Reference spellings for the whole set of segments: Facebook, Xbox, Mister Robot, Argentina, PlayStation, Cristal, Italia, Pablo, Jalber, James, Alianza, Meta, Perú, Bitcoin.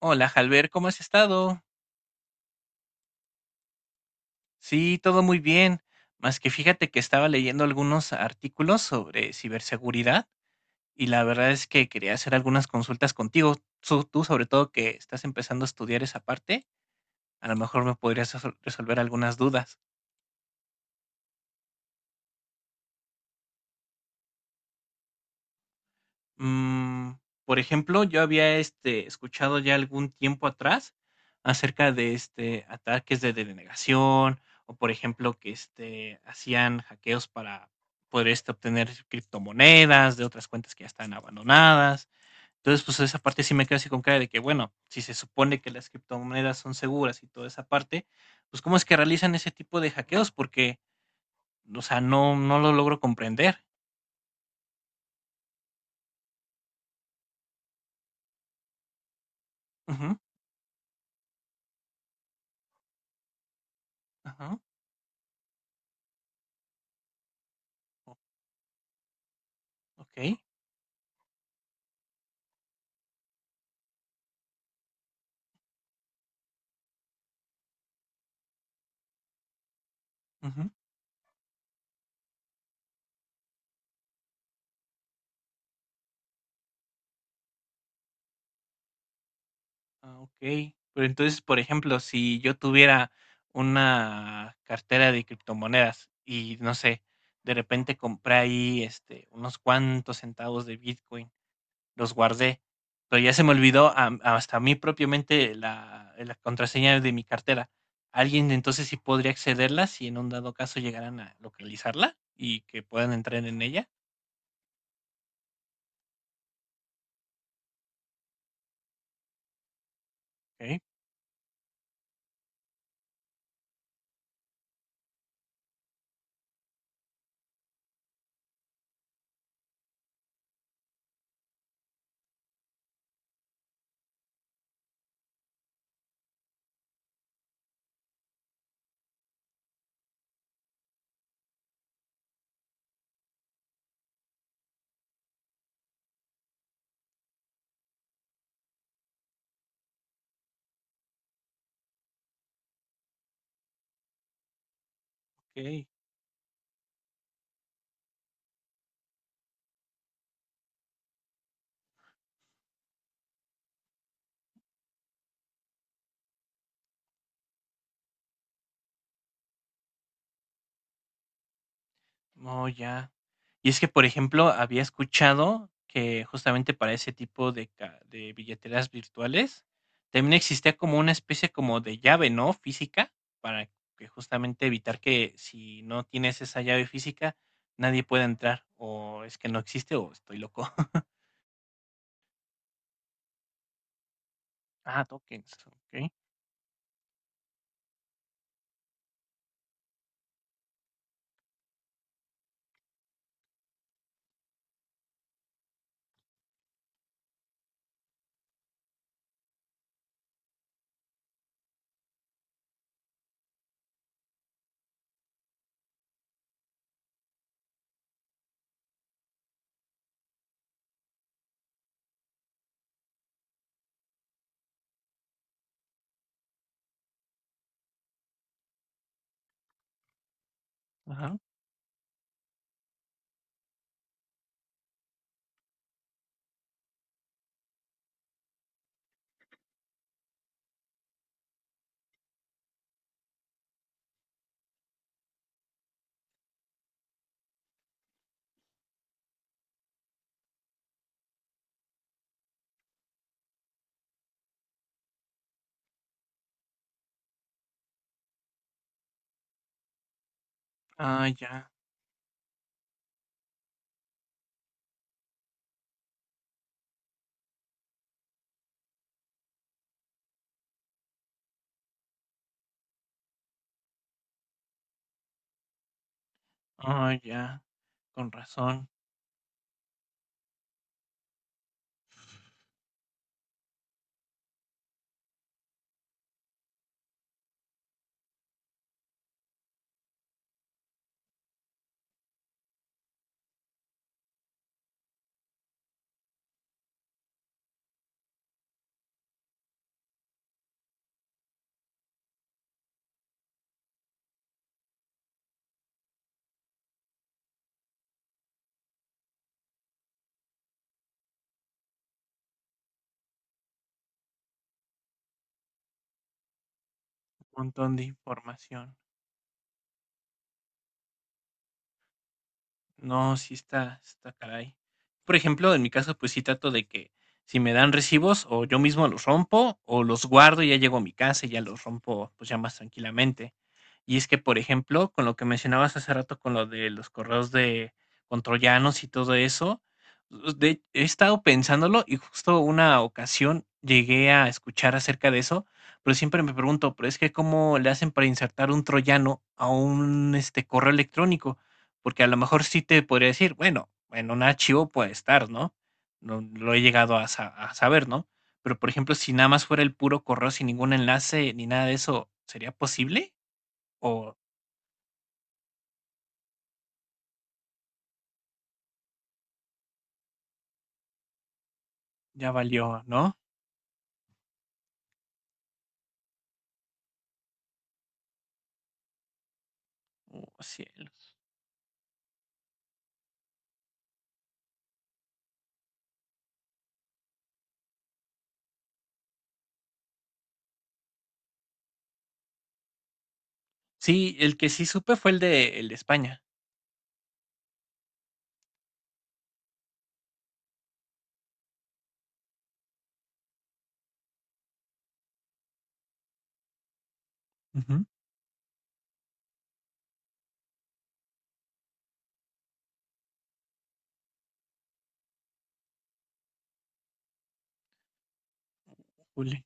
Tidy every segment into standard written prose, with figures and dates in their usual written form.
Hola, Jalber, ¿cómo has estado? Sí, todo muy bien. Más que fíjate que estaba leyendo algunos artículos sobre ciberseguridad y la verdad es que quería hacer algunas consultas contigo. Tú, sobre todo que estás empezando a estudiar esa parte, a lo mejor me podrías resolver algunas dudas. Mm, por ejemplo, yo había escuchado ya algún tiempo atrás acerca de ataques de denegación o por ejemplo que hacían hackeos para poder obtener criptomonedas de otras cuentas que ya están abandonadas. Entonces, pues esa parte sí me queda así con cara de que, bueno, si se supone que las criptomonedas son seguras y toda esa parte, pues cómo es que realizan ese tipo de hackeos porque, o sea, no lo logro comprender. Ujú, ajá, ok, ujú. Ah, okey. Pero entonces, por ejemplo, si yo tuviera una cartera de criptomonedas y, no sé, de repente compré ahí, unos cuantos centavos de Bitcoin, los guardé, pero ya se me olvidó am hasta a mí propiamente la contraseña de mi cartera. ¿Alguien entonces sí podría accederla si en un dado caso llegaran a localizarla y que puedan entrar en ella? Okey, okey. Oh, ya. Y es que, por ejemplo, había escuchado que justamente para ese tipo de, de billeteras virtuales también existía como una especie como de llave, ¿no? Física, para que justamente evitar que si no tienes esa llave física, nadie pueda entrar. O es que no existe o estoy loco. Ah, tokens, ok. Ajá. Ah, ya. Ah, ya. Con razón. Un montón de información. No, sí está caray. Por ejemplo, en mi caso, pues sí trato de que si me dan recibos, o yo mismo los rompo, o los guardo y ya llego a mi casa y ya los rompo, pues ya más tranquilamente. Y es que, por ejemplo, con lo que mencionabas hace rato, con lo de los correos de con troyanos y todo eso, pues, he estado pensándolo y justo una ocasión llegué a escuchar acerca de eso, pero siempre me pregunto, pero es que ¿cómo le hacen para insertar un troyano a un correo electrónico? Porque a lo mejor sí te podría decir, bueno, en un archivo puede estar, ¿no? No lo he llegado a, a saber, ¿no? Pero, por ejemplo, si nada más fuera el puro correo sin ningún enlace ni nada de eso, ¿sería posible? ¿O ya valió, no? Oh, cielo. Sí, el que sí supe fue el de España. Ujú. Ule.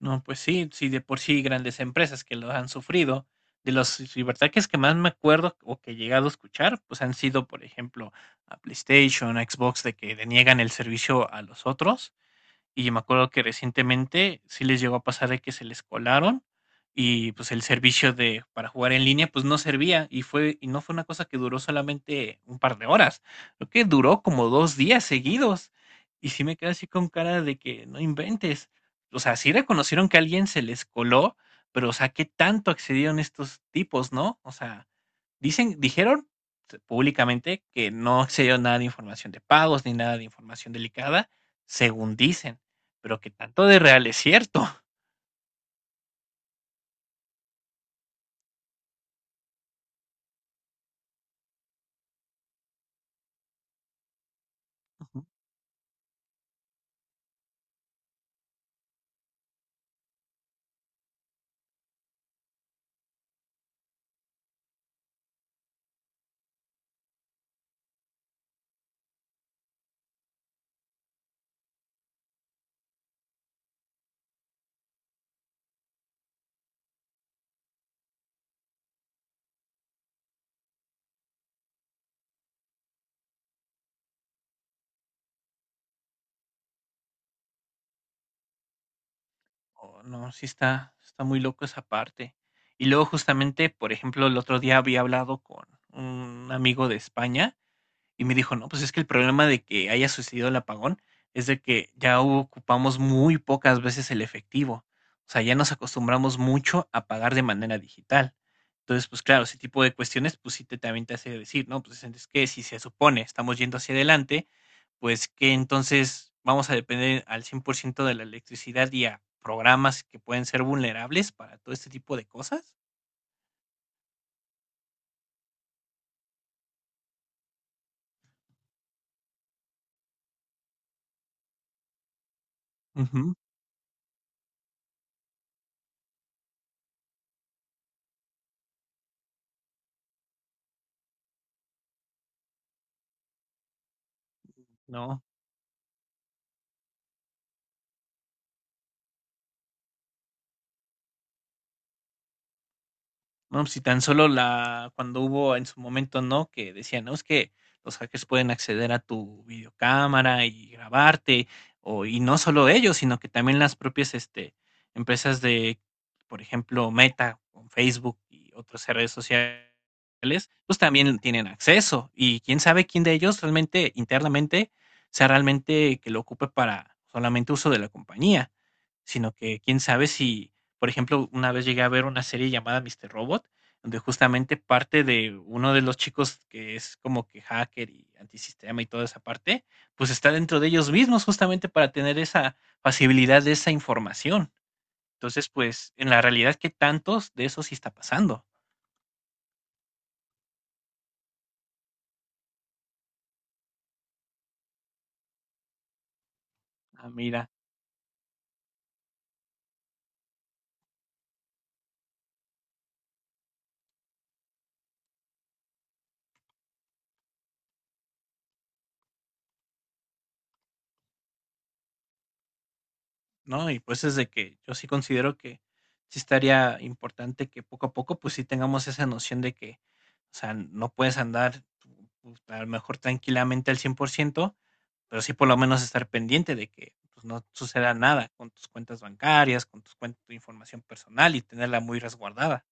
No, pues sí, sí, de por sí grandes empresas que lo han sufrido. De los ciberataques que más me acuerdo o que he llegado a escuchar, pues han sido, por ejemplo, a PlayStation, a Xbox, de que deniegan el servicio a los otros. Y me acuerdo que recientemente sí les llegó a pasar de que se les colaron y, pues, el servicio de para jugar en línea, pues, no servía, y fue y no fue una cosa que duró solamente un par de horas, creo que duró como 2 días seguidos, y sí me quedé así con cara de que no inventes. O sea, sí reconocieron que a alguien se les coló, pero, o sea, ¿qué tanto accedieron estos tipos, no? O sea, dicen dijeron públicamente que no se dio nada de información de pagos, ni nada de información delicada, según dicen, pero que tanto de real es cierto. Ujú. Oh, no, sí está está muy loco esa parte. Y luego, justamente, por ejemplo, el otro día había hablado con un amigo de España, y me dijo, no, pues es que el problema de que haya sucedido el apagón es de que ya ocupamos muy pocas veces el efectivo. O sea, ya nos acostumbramos mucho a pagar de manera digital. Entonces, pues claro, ese tipo de cuestiones, pues sí también te hace decir, ¿no? Pues es que si se supone estamos yendo hacia adelante, pues que entonces vamos a depender al 100% de la electricidad y a programas que pueden ser vulnerables para todo este tipo de cosas. Ujú. No. No, si tan solo la cuando hubo en su momento, ¿no? Que decían, no, es que los hackers pueden acceder a tu videocámara y grabarte, o, y no solo ellos, sino que también las propias empresas de, por ejemplo, Meta, con Facebook y otras redes sociales, pues también tienen acceso. Y quién sabe quién de ellos realmente, internamente, sea realmente que lo ocupe para solamente uso de la compañía, sino que quién sabe si por ejemplo, una vez llegué a ver una serie llamada Mister Robot, donde justamente parte de uno de los chicos que es como que hacker y antisistema y toda esa parte, pues está dentro de ellos mismos justamente para tener esa facilidad de esa información. Entonces, pues en la realidad, ¿qué tantos de eso sí está pasando? Ah, mira, ¿no? Y pues es de que yo sí considero que sí estaría importante que poco a poco, pues sí tengamos esa noción de que, o sea, no puedes andar pues, a lo mejor tranquilamente al 100%, pero sí por lo menos estar pendiente de que pues, no suceda nada con tus cuentas bancarias, con tus cuentas, tu información personal y tenerla muy resguardada.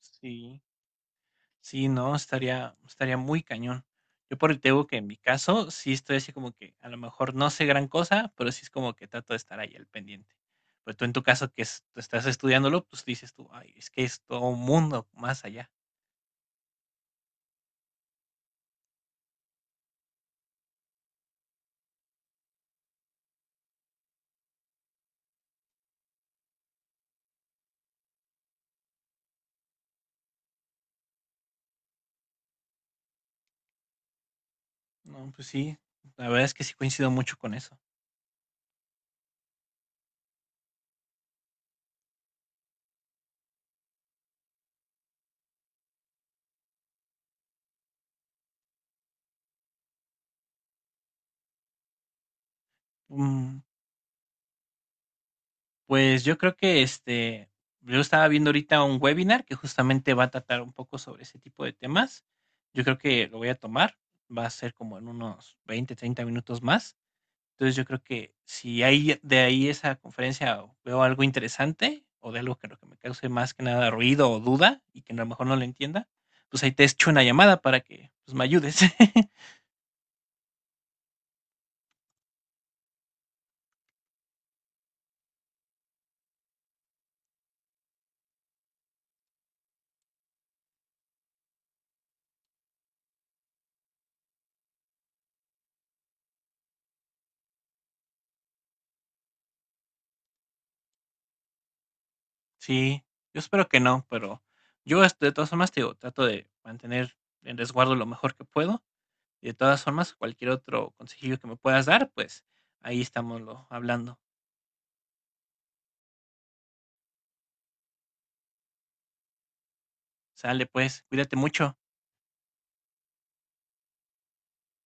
Sí, sí, no, estaría, estaría muy cañón. Yo por el tengo que en mi caso sí estoy así como que a lo mejor no sé gran cosa, pero sí es como que trato de estar ahí al pendiente. Pero tú en tu caso que estás estudiándolo, pues dices tú, ay, es que es todo un mundo más allá. No, pues sí, la verdad es que sí coincido mucho con eso. Mm, Pues yo creo que yo estaba viendo ahorita un webinar que justamente va a tratar un poco sobre ese tipo de temas. Yo creo que lo voy a tomar, va a ser como en unos 20, 30 minutos más. Entonces yo creo que si hay de ahí esa conferencia veo algo interesante o de algo que, lo que me cause más que nada ruido o duda y que a lo mejor no lo entienda, pues ahí te echo una llamada para que pues, me ayudes. Sí, yo espero que no, pero yo de todas formas te digo, trato de mantener en resguardo lo mejor que puedo de todas formas, cualquier otro consejillo que me puedas dar, pues ahí estamos lo hablando. Sale pues, cuídate mucho.